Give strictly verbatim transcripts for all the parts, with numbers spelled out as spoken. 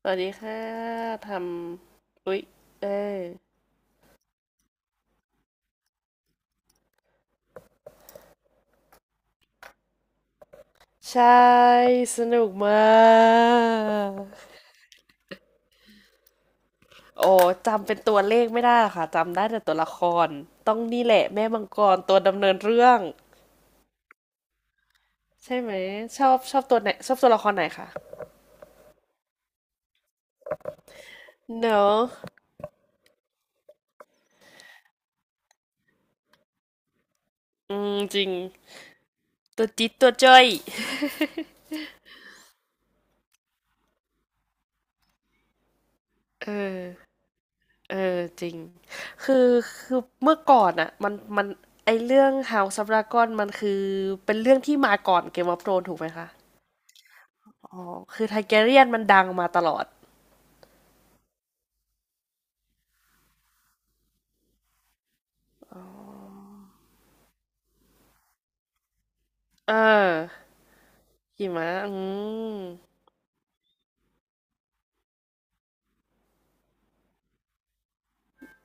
สวัสดีค่ะทำ อุ๊ยเออใช่ สนุกมาก โอ้ จำเป็นตัวเลขไม่ได้หรอกค่ะจำได้แต่ตัวละครต้องนี่แหละแม่มังกรตัวดำเนินเรื่องใช่ไหมชอบชอบตัวไหนชอบตัวละครไหนคะเนอะอืมจริงตัวจิ๊ดตัวจ้อยเออเออจริงคือ คือ เมื่อก่อนอะ มัน มันไอเรื่อง House of Dragon มันคือ เป็นเรื่องที่มาก่อน Game of Thrones ถูกไหมคะ อ๋อคือไทเกเรียนมันดังมาตลอดเออหิมะอืม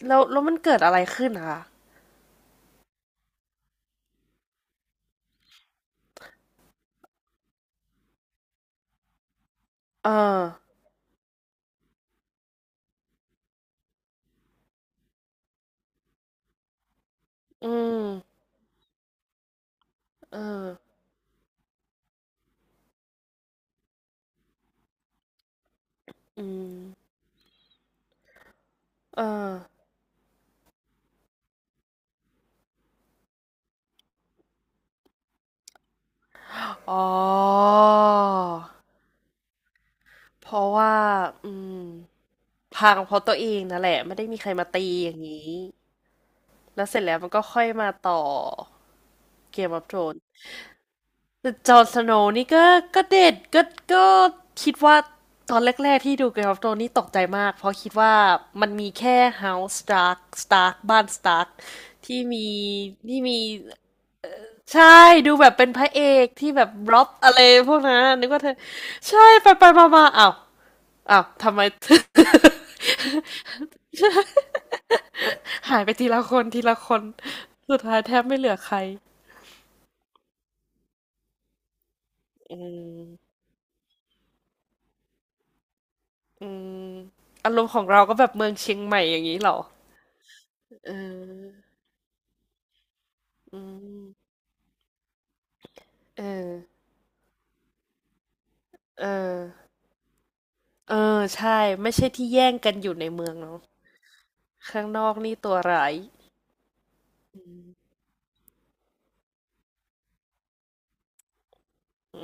แล้วแล้วมันเกิดอะไรขึ้นอะคะเอออืมเอออืมเอออ๋อ เพราะว่า อืมพังเพราะตัวเองนั่นแหละ ไม่ได้มีใครมาตีอย่างนี้ แล้วเสร็จแล้วมันก็ค่อยมาต่อเกม t อ r โ n e น แต่จอห์นสโนว์นี่ก็ก็เด็ดก็ก็คิดว่าตอนแรกๆที่ดู Game of Thrones นี่ตกใจมากเพราะคิดว่ามันมีแค่ House Stark Stark บ้าน Stark ที่มีที่มีใช่ดูแบบเป็นพระเอกที่แบบร็อบอะไรพวกนั้นนึกว่าเธอใช่ไปไปมามาอ้าวอ้าวทำไม หายไปทีละคนทีละคนสุดท้ายแทบไม่เหลือใครอืมอืมอารมณ์ของเราก็แบบเมืองเชียงใหม่อย่างนี้เหรอเออ อืมเออเออเออใช่ ไม่ใช่ที่แย่งกันอยู่ในเมืองเนาะข้างนอกนี่ตัวร้ายอื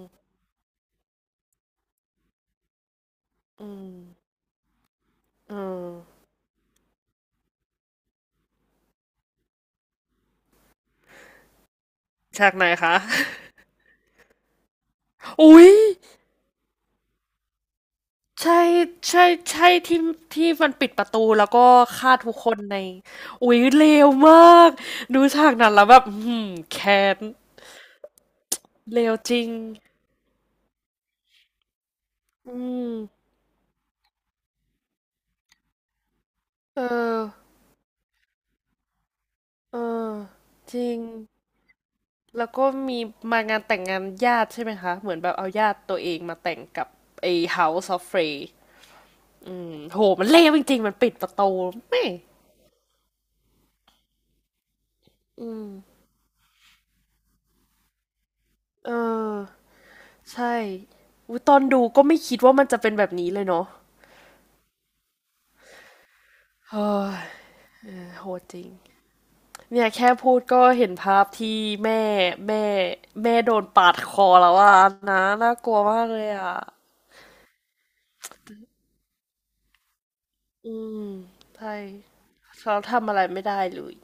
มอืมอืมฉากไหนคะ อุ๊ยใช่ใช่ใช่ที่ที่มันปิดประตูแล้วก็ฆ่าทุกคนในอุ๊ยเลวมากดูฉากนั้นแล้วแบบอือหือแค้นเลวจริงอืมเออเออจริง แล้วก็มีมางานแต่งงานญาติใช่ไหมคะเหมือนแบบเอาญาติตัวเองมาแต่งกับไอ้ House of Frey อืมโหมันเลวจริงๆมันปิดประตูแม่อืมเออใช่อุ๊ยตอนดูก็ไม่คิดว่ามันจะเป็นแบบนี้เลยเนาะเฮ้ยโหดจริงเนี่ยแค่พูดก็เห็นภาพที่แม่แม่แม่โดนปาดคอแล้วอ่ะนะน่ากลัวมากเลยอ่ะอืมใช่เขาทำอะไรไม่ได้เลย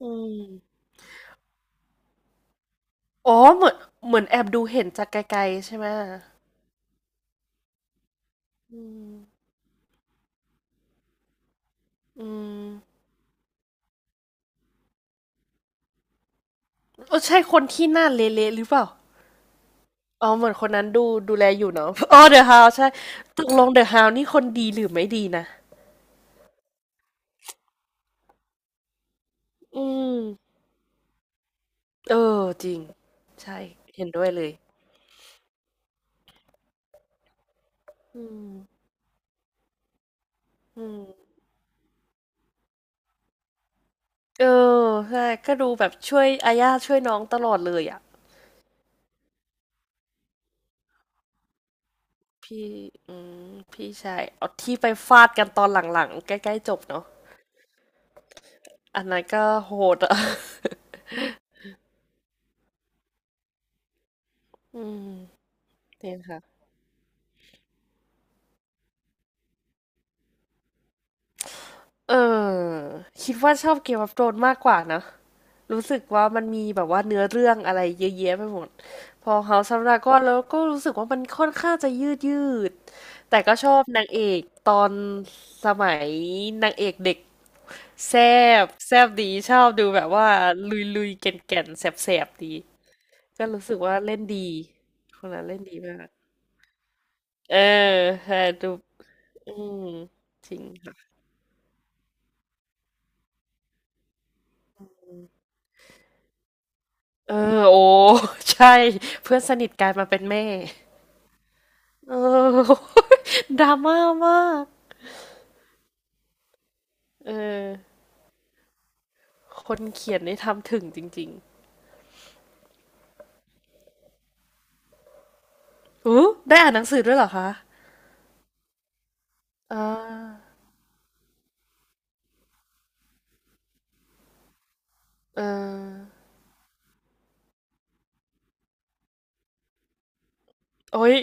อืม อ๋อเหมือนเหมือนแอบดูเห็นจากไกลๆใช่ไหมอืมอืมเออใช่คนที่หน้าเละๆหรือเปล่าอ๋อเหมือนคนนั้นดูดูแลอยู่เนาะอ๋อเดอะฮาวใช่ตกลงเดอะฮาวนี่คนดีหรือไม่ดีนะอืมเออจริงใช่เห็นด้วยเลยอืมอืมเออใช่ก็ดูแบบช่วยอาญาช่วยน้องตลอดเลยอ่ะพี่อืมพี่ชายเอาที่ไปฟาดกันตอนหลังๆใกล้ๆจบเนาะอันนั้นก็โหดอ่ะ อืม เนี่ยค่ะ เออคิดว่าชอบเกมออฟโธรนมากกว่านะรู้สึกว่ามันมีแบบว่าเนื้อเรื่องอะไรเยอะแยะไปหมดพอ House of Dragon แล้วก็รู้สึกว่ามันค่อนข้างจะยืดยืดแต่ก็ชอบนางเอกตอนสมัยนางเอกเด็กแซบแซบดีชอบดูแบบว่าลุยลุยแก่นแก่นแสบแสบๆดีก็รู้สึกว่าเล่นดีคนนั้นเล่นดีมากเออแต่ดูอืมจริงค่ะ เออโอ้ ใช่เพื่อนสนิทกลายมาเป็นแม่เออ ดราม่ามากเออคนเขียนนี่ทำถึงจริงๆอู้ได้อ่านหนังสือด้วยเหรอคะอ่าเออโอ้ย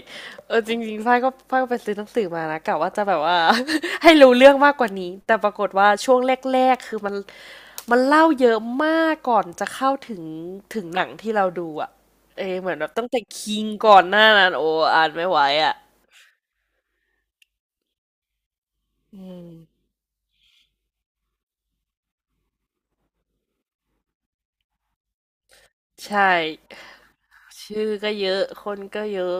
เออจริงๆฝ้ายก็ฝ้ายก็ไปซื้อหนังสือมานะกะว่าจะแบบว่า ให้รู้เรื่องมากกว่านี้แต่ปรากฏว่าช่วงแรกๆคือมันมันเล่าเยอะมากก่อนจะเข้าถึงถึงหนังที่เราดูอ่ะเออเหมือนแบบตั้งแต่คิงก่อนหน้านั้นโอ้อ่านไม่ไหวอ่ะ อืมใช่ชื่อก็เยอะคนก็เยอะ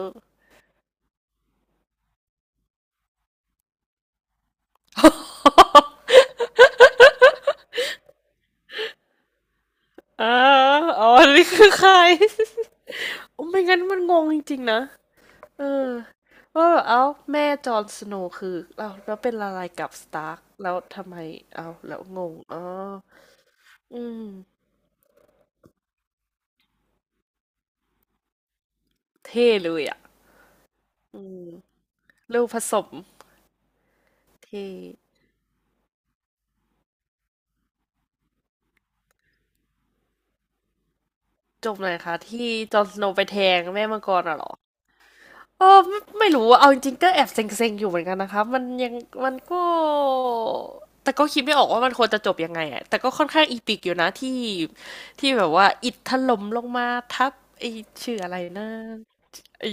อ๋ออ๋อนี่คือใคร โอ้ไม่งั้นมันงงจริงๆนะเออว่าแบบเอ้าแม่จอห์นสโนว์คือเอ้าแล้วเป็นอะไรกับสตาร์กแล้วทำไมเอ้าแล้วงงอ๋ออืมเท่เลยอ่ะอืมลูกผสมเท่จบหน่อยค่ะที่จอห์นสโนว์ไปแทงแม่มังกรอ่ะเหรอ เออไม่ไม่รู้อะเอาจริงๆก็แอบเซ็งๆอยู่เหมือนกันนะคะมันยังมันก็แต่ก็คิดไม่ออกว่ามันควรจะจบยังไงอะแต่ก็ค่อนข้างอีปิกอยู่นะที่ที่แบบว่าอิฐถล่มลงมาทับไอ้ชื่ออะไรนะไอ้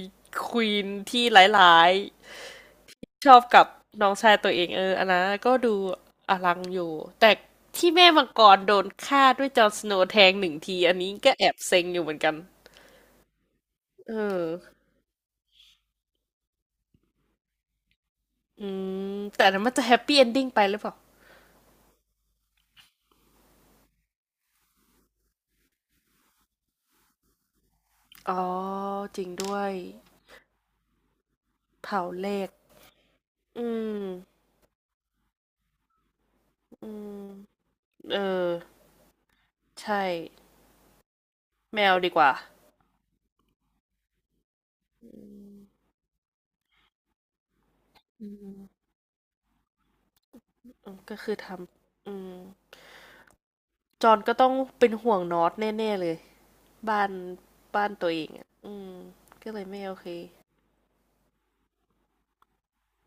ควีนที่ร้ายๆชอบกับน้องชายตัวเองเอออันนั้นก็ดูอลังอยู่แต่ที่แม่มังกรโดนฆ่าด้วยจอห์นสโนว์แทงหนึ่งทีอันนี้ก็แอบเซ็งอยู่เหมือนกันเอออืมแต่อันนั้นมันจะแฮปปี้เอนดิ้งไปหรือเปล่า อ๋อจริงด้วยเผาเลขอืมอืมเออใช่แมวดีกว่าอืมอืมก็คือทำอืมจอนก็ต้องเป็นห่วงนอตแน่ๆเลยบ้านบ้านตัวเองอ่ะอืมก็เลยไม่โอเค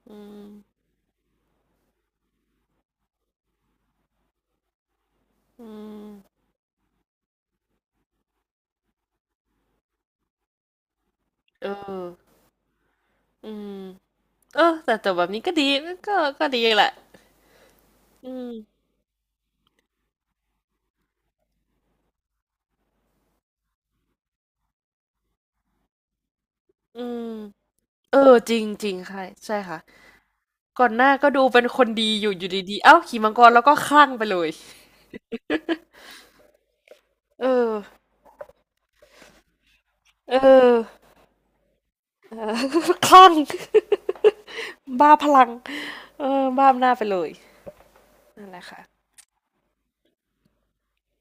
อืมอืมเอออืมเออแต่แต่แบบนี้ก็ดีก็ก็ดีแหละอืมอืมเออจริงจริงค่ะใช่ค่ะ ก่อนหน้าก็ดูเป็นคนดีอยู่อยู่ดีๆ เอ้าขี่มังกรแล้วก็คลั่งไปเลย เออ เออ เออ คลั่ง บ้าพลังเออบ้าอำนาจไปเลยนั่นแหละค่ะ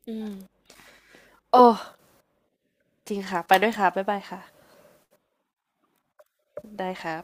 อืมโอ้จริงค่ะไปด้วยค่ะ บ๊ายบายค่ะได้ครับ